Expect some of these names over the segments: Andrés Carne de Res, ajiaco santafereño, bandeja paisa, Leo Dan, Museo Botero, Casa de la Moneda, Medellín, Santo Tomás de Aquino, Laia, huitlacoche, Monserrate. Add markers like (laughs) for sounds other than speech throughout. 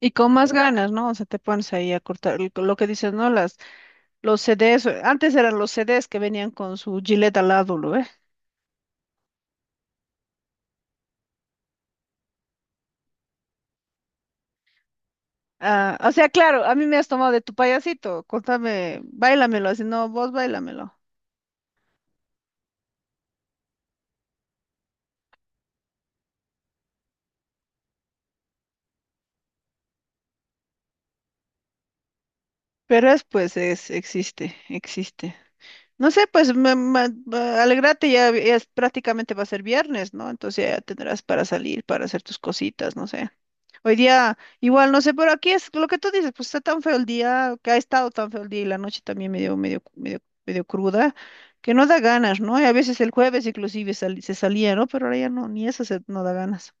Y con más ganas, ¿no? O sea, te pones ahí a cortar lo que dices, ¿no? Las, los CDs, antes eran los CDs que venían con su Gillette al lado, ¿lo ve? Ah, o sea, claro, a mí me has tomado de tu payasito, cortame, báilamelo, así, no, vos báilamelo. Pero es, pues, existe, existe. No sé, pues, alegrate, ya es, prácticamente va a ser viernes, ¿no? Entonces ya tendrás para salir, para hacer tus cositas, no sé. Hoy día, igual, no sé, pero aquí es lo que tú dices, pues está tan feo el día, que ha estado tan feo el día y la noche también medio cruda, que no da ganas, ¿no? Y a veces el jueves inclusive se salía, ¿no? Pero ahora ya no, ni eso se, no da ganas.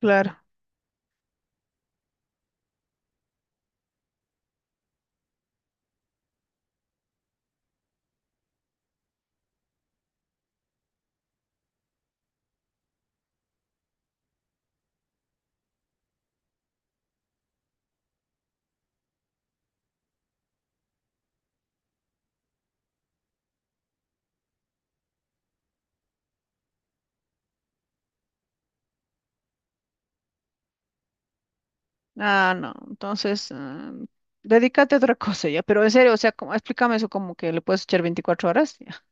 Claro. Ah, no. Entonces, ah, dedícate a otra (laughs) cosa ya. Pero en serio, o sea, explícame eso como que le puedes echar 24 horas. Ya.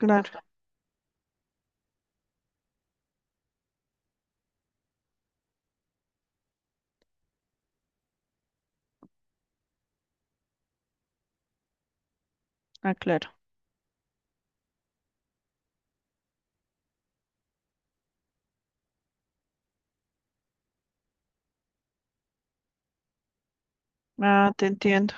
Claro, ah, claro. Ah, te entiendo.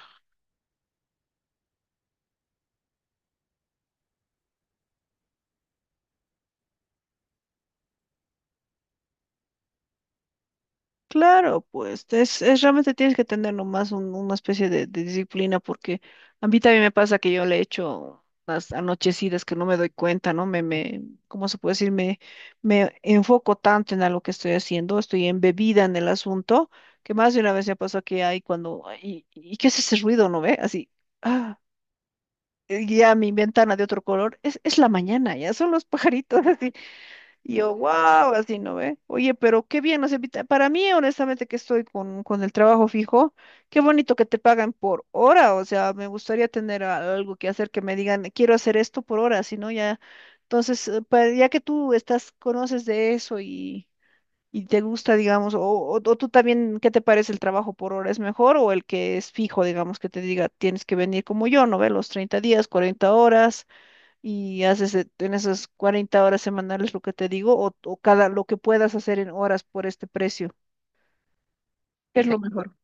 Claro, pues es realmente tienes que tener nomás una especie de disciplina porque a mí también me pasa que yo le echo las anochecidas que no me doy cuenta, ¿no? ¿Cómo se puede decir? Me enfoco tanto en algo que estoy haciendo, estoy embebida en el asunto, que más de una vez me pasó que hay cuando, ay, ¿y qué es ese ruido, no ve? Así, ah, y ya mi ventana de otro color, es la mañana, ya son los pajaritos. (laughs) Y yo, wow, así no ve. Oye, pero qué bien, o sea, para mí, honestamente, que estoy con el trabajo fijo, qué bonito que te pagan por hora, o sea, me gustaría tener algo que hacer que me digan, quiero hacer esto por hora, si no, ya, entonces, ya que tú estás, conoces de eso y te gusta, digamos, o tú también, ¿qué te parece el trabajo por hora? ¿Es mejor o el que es fijo, digamos, que te diga, tienes que venir como yo, no ve, los 30 días, 40 horas? Y haces en esas 40 horas semanales lo que te digo o cada lo que puedas hacer en horas por este precio. Que es lo mejor.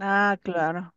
Ah, claro.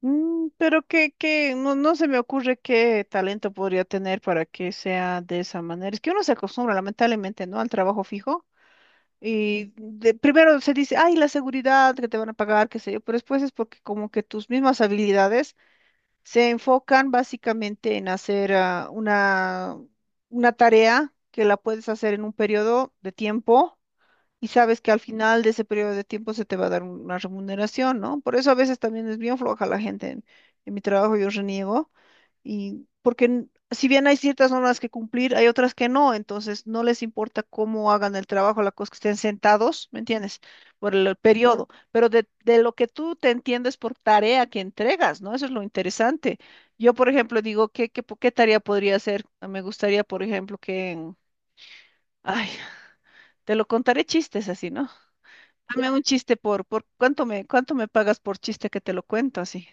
Mm, pero que no, no se me ocurre qué talento podría tener para que sea de esa manera. Es que uno se acostumbra, lamentablemente, ¿no? Al trabajo fijo. Y primero se dice, ay, la seguridad que te van a pagar, qué sé yo, pero después es porque como que tus mismas habilidades se enfocan básicamente en hacer ah, una tarea que la puedes hacer en un periodo de tiempo. Y sabes que al final de ese periodo de tiempo se te va a dar una remuneración, ¿no? Por eso a veces también es bien floja la gente. En mi trabajo yo reniego. Y porque si bien hay ciertas normas que cumplir, hay otras que no. Entonces no les importa cómo hagan el trabajo, la cosa que estén sentados, ¿me entiendes? Por el, ujú, periodo. Pero de lo que tú te entiendes por tarea que entregas, ¿no? Eso es lo interesante. Yo, por ejemplo, digo, ¿ qué tarea podría hacer? Me gustaría, por ejemplo, que... ay, (laughs) te lo contaré chistes así, ¿no? Dame un chiste por cuánto me pagas por chiste que te lo cuento así?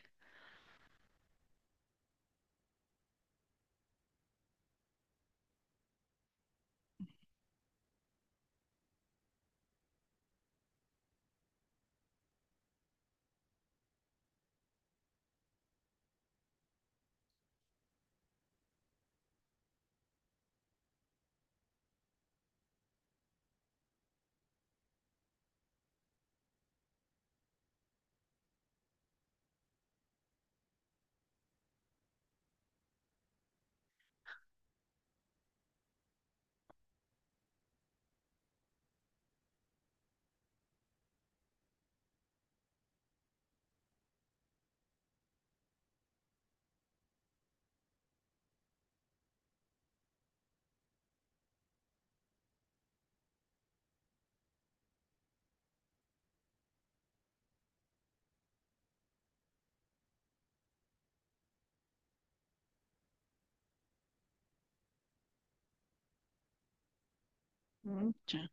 Mucha.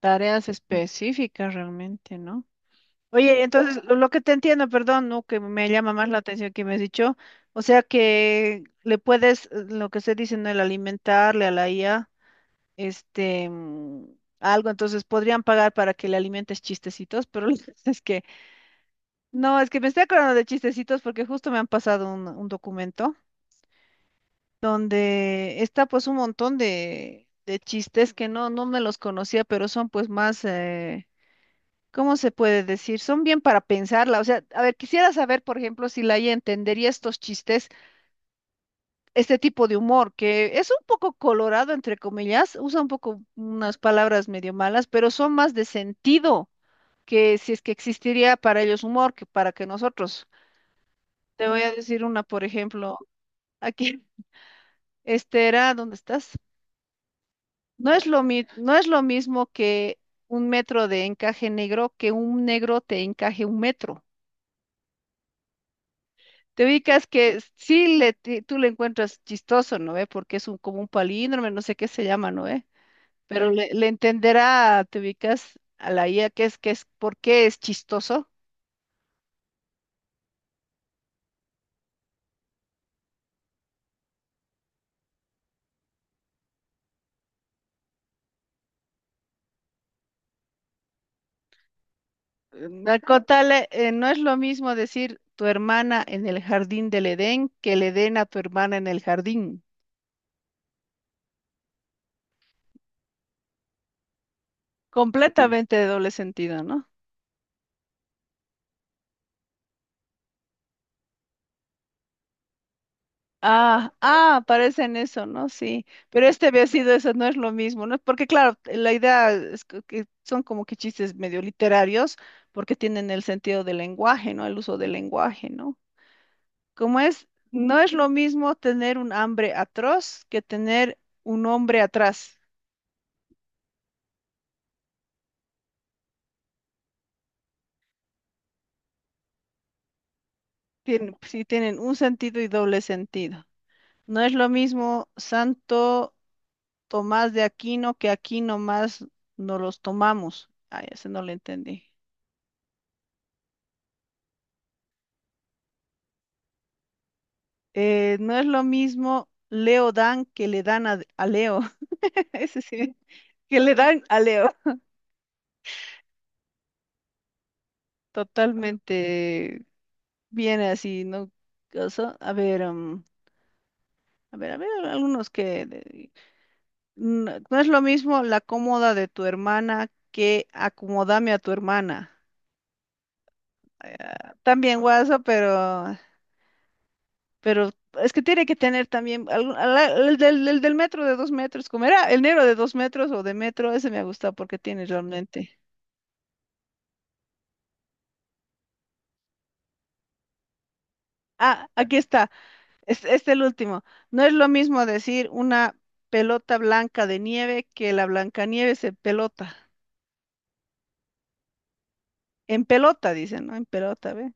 Tareas específicas realmente, ¿no? Oye, entonces lo que te entiendo, perdón, ¿no? Que me llama más la atención que me has dicho, o sea que le puedes, lo que se dice, ¿no? El alimentarle a la IA, este, mm, algo, entonces podrían pagar para que le alimentes chistecitos, pero (laughs) es que, no, es que me estoy acordando de chistecitos porque justo me han pasado un documento, donde está pues un montón de chistes que no, no me los conocía, pero son pues más, ¿cómo se puede decir? Son bien para pensarla. O sea, a ver, quisiera saber, por ejemplo, si Laia entendería estos chistes, este tipo de humor, que es un poco colorado, entre comillas, usa un poco unas palabras medio malas, pero son más de sentido que si es que existiría para ellos humor que para que nosotros. Te voy a decir una, por ejemplo, aquí, (laughs) este era, ¿dónde estás? No es lo mismo que un metro de encaje negro que un negro te encaje un metro. Te ubicas que sí le, tú le encuentras chistoso, ¿no ve? Porque es un, como un palíndromo, no sé qué se llama, ¿no ve? Pero le entenderá, te ubicas a la IA, que es, ¿por qué es chistoso? Mm, al contarle, no es lo mismo decir tu hermana en el jardín del Edén que el Edén a tu hermana en el jardín. Mm. Completamente de doble sentido, ¿no? Ah, ah, parecen eso, ¿no? Sí, pero este había sido eso, no es lo mismo, ¿no? Porque claro, la idea es que son como que chistes medio literarios, porque tienen el sentido del lenguaje, ¿no? El uso del lenguaje, ¿no? Como es, no es lo mismo tener un hambre atroz que tener un hombre atrás. Tienen, sí, tienen un sentido y doble sentido. No es lo mismo Santo Tomás de Aquino que aquí nomás no los tomamos. Ah, ese no lo entendí. No es lo mismo Leo Dan que le dan a Leo. (laughs) Ese sí, que le dan a Leo. Totalmente viene así, ¿no? Cosa- a ver, mm, a ver, algunos que... de- no, no es lo mismo la cómoda de tu hermana que acomodame a tu hermana. Ah, también guasa, pero es que tiene que tener también algún- el del metro de 2 metros, como era el negro de 2 metros o de metro, ese me ha gustado porque tiene realmente. Ah, aquí está. Es el último. No es lo mismo decir una pelota blanca de nieve que la Blancanieves en pelota. En pelota, dicen, ¿no? En pelota, ¿ve?